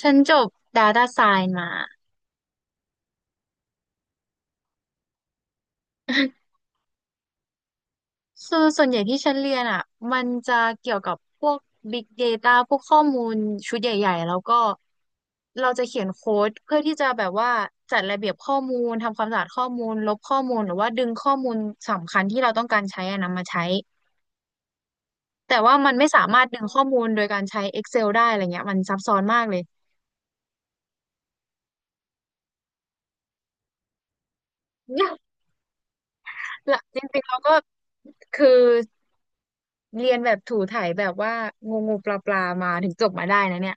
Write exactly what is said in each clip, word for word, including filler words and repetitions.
ฉันจบ Data Science มาคือส่วนใหญ่ที่ฉันเรียนอ่ะมันจะเกี่ยวกับพวก Big Data พวกข้อมูลชุดใหญ่ๆ แล้วก็เราจะเขียนโค้ดเพื่อที่จะแบบว่าจัดระเบียบข้อมูล ทำความสะอาดข้อมูลลบข้อมูลหรือว่าดึงข้อมูลสำคัญที่เราต้องการใช้อะนำมาใช้ แต่ว่ามันไม่สามารถดึงข้อมูลโดยการใช้ Excel ได้อะไรเงี้ยมันซับซ้อนมากเลย ละจริงๆเราก็คือเรียนแบบถูไถแบบว่างูงูปลาปลามาถึงจบมาได้นะเนี่ย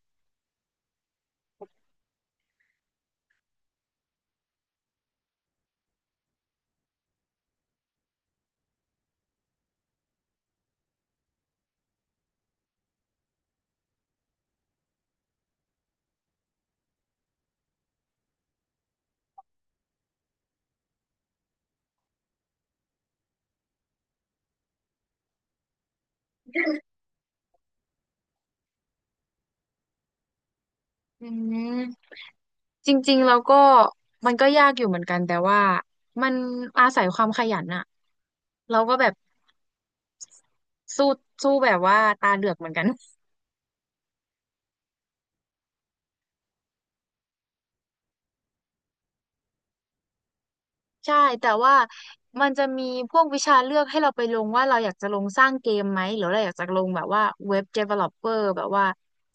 อืมจริงๆแล้วก็มันก็ยากอยู่เหมือนกันแต่ว่ามันอาศัยความขยันอะเราก็แบบสู้สู้แบบว่าตาเหลือกเหมือนกัน ใช่แต่ว่ามันจะมีพวกวิชาเลือกให้เราไปลงว่าเราอยากจะลงสร้างเกมไหมหรือเราอยากจะลงแบบว่าเว็บ developer แบบว่า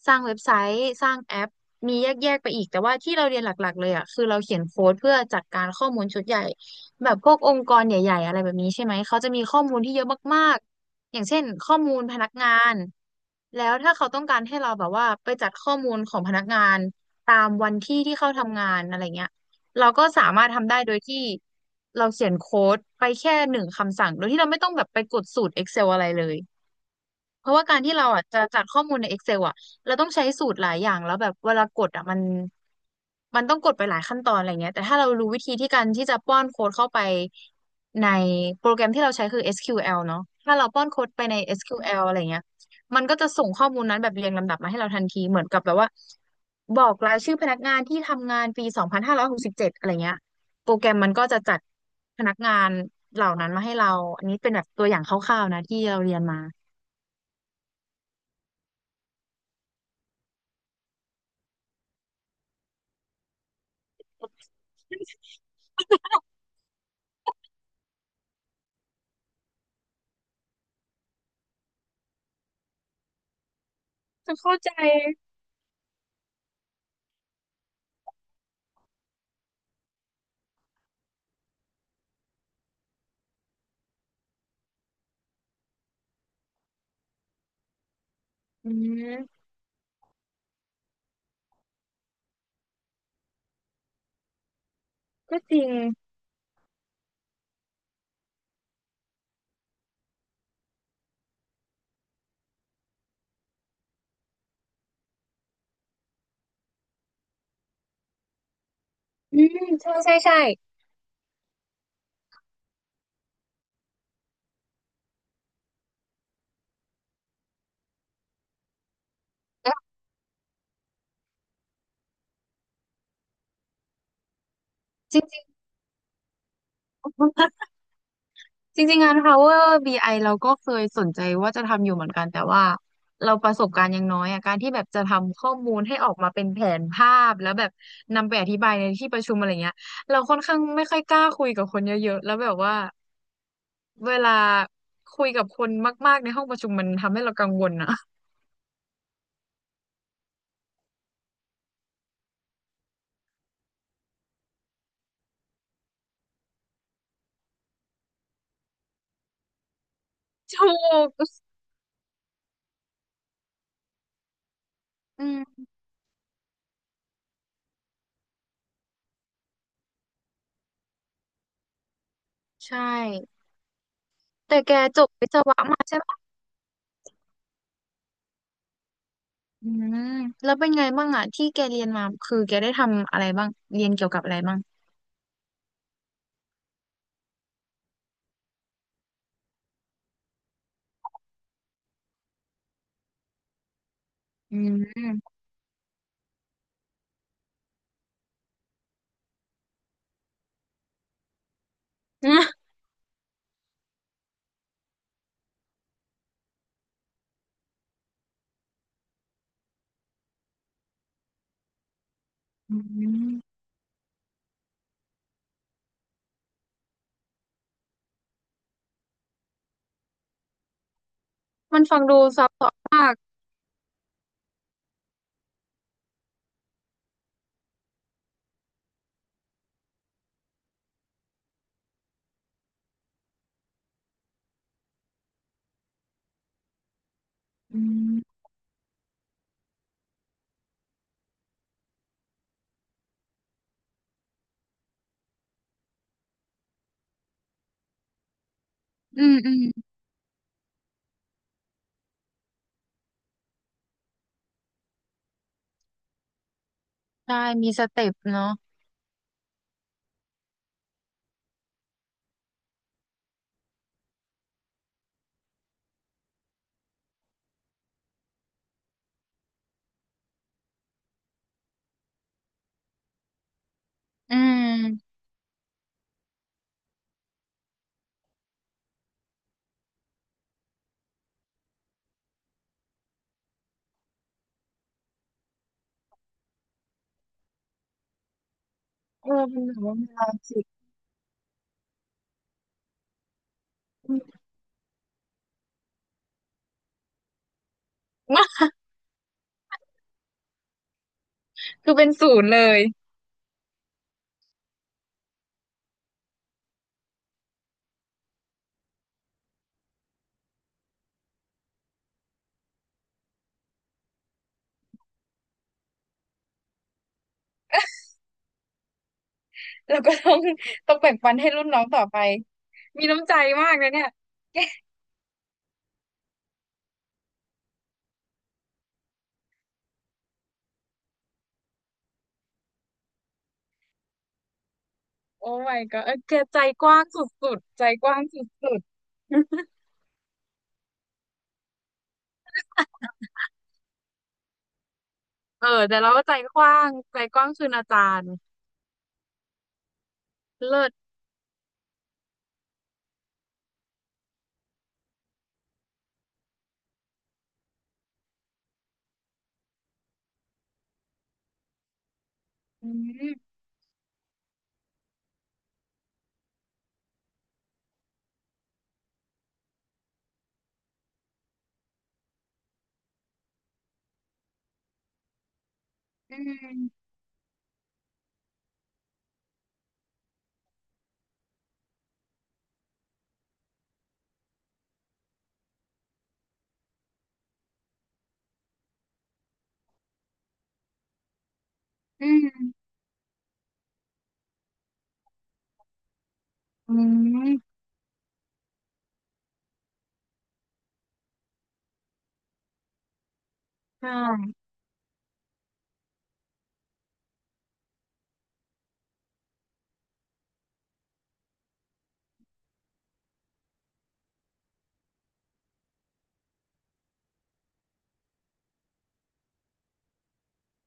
สร้างเว็บไซต์สร้างแอปมีแยกๆไปอีกแต่ว่าที่เราเรียนหลักๆเลยอ่ะคือเราเขียนโค้ดเพื่อจัดการข้อมูลชุดใหญ่แบบพวกองค์กรใหญ่ๆอะไรแบบนี้ใช่ไหมเขาจะมีข้อมูลที่เยอะมากๆอย่างเช่นข้อมูลพนักงานแล้วถ้าเขาต้องการให้เราแบบว่าไปจัดข้อมูลของพนักงานตามวันที่ที่เขาทำงานอะไรเงี้ย เราก็สามารถทำได้โดยที่เราเขียนโค้ดไปแค่หนึ่งคำสั่งโดยที่เราไม่ต้องแบบไปกดสูตร Excel อะไรเลย เพราะว่าการที่เราอ่ะจะจัดข้อมูลใน Excel อ่ะเราต้องใช้สูตรหลายอย่างแล้วแบบเวลากดอ่ะมันมันต้องกดไปหลายขั้นตอนอะไรเงี้ยแต่ถ้าเรารู้วิธีที่การที่จะป้อนโค้ดเข้าไปในโปรแกรมที่เราใช้คือ เอส คิว แอล เนาะถ้าเราป้อนโค้ดไปใน เอส คิว แอล อสคิวแอลอะไรเงี้ยมันก็จะส่งข้อมูลนั้นแบบเรียงลำดับมาให้เราทันทีเหมือนกับแบบว่าบอกรายชื่อพนักงานที่ทำงานปีสองพันห้าร้อยหกสิบเจ็ดอะไรเงี้ยโปรแกรมมันก็จะจัดพนักงานเหล่านั้นมาให้เราอันนี้เป็นแบบตัวอย่างคร่าวๆนะที่เราเรียนมา จะเข้าใจอืมก็จริงอืมใช่ใช่ใช่แล้วจริงๆ จริงๆงาน Power บี ไอ เราก็เคยสนใจว่าจะทำอยู่เหมือนกันแต่ว่าเราประสบการณ์ยังน้อยอ่ะการที่แบบจะทำข้อมูลให้ออกมาเป็นแผนภาพแล้วแบบนำไปอธิบายในที่ประชุมอะไรเงี้ยเราค่อนข้างไม่ค่อยกล้าคุยกับคนเยอะๆแล้วแบบว่าเวลาคุยกับคนมากๆในห้องประชุมมันทำให้เรากังวลอ่ะ ถูกอืมใช่แต่แกจบวิศวะมาใช่ไหม อืมแล้วเป็นไงบ้างอ่ะที่แกเรียนมาคือแกได้ทำอะไรบ้างเรียนเกี่ยวกับอะไรบ้างอืมอืมอืมมันฟังดูซับซ้อนมากอืมอืมอืมใช่มีสเต็ปเนาะอืมเออเป็นแบบว่ามีลองสิ คือเป็นศูนย์เลยแล้วก็ต้อง ต้องแบ่งปันให้รุ่นน้องต่อไปมีน้ำใจมากนะเนี่ยโอ้ my god เออแกใจกว้างสุดๆใจกว้างสุดๆเออแต่เราก็ใจกว้างใจกว้างคืออาจารย์เลิศ อืมอืมอืมอืมใช่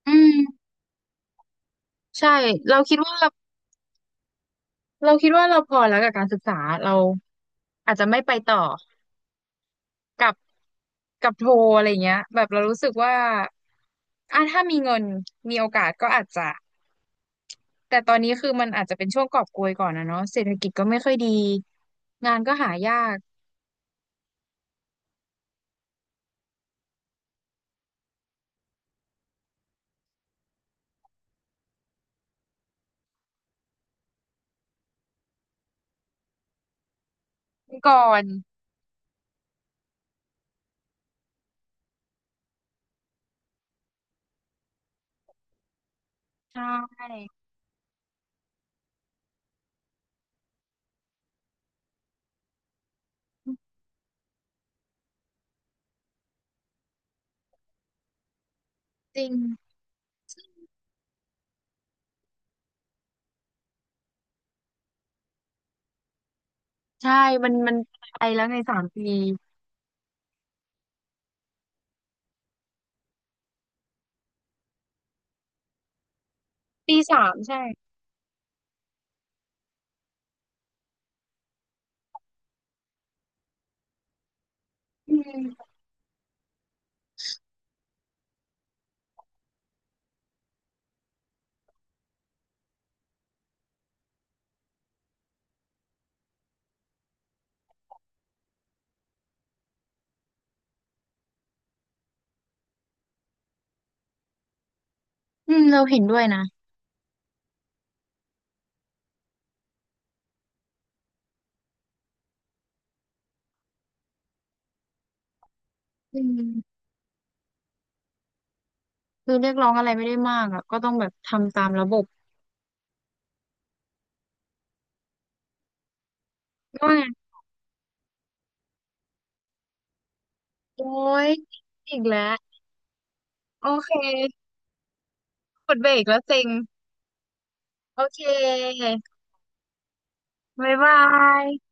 อืมใช่เราคิดว่าเราคิดว่าเราพอแล้วกับการศึกษาเราอาจจะไม่ไปต่อกับกับโทอะไรเงี้ยแบบเรารู้สึกว่าอ่ะถ้ามีเงินมีโอกาสก็อาจจะแต่ตอนนี้คือมันอาจจะเป็นช่วงกอบโกยก่อนนะเนาะเศรษฐกิจก็ไม่ค่อยดีงานก็หายากก่อนใช่จริงใช่มันมันไปแล้วในสามปีปีสามใช่อืม อืมเราเห็นด้วยนะอืมคือเรียกร้องอะไรไม่ได้มากอ่ะก็ต้องแบบทำตามระบบก็ไงโอ้ยอีกแล้วโอเคกดเบรกแล้วเซ็งโอเคบ๊ายบาย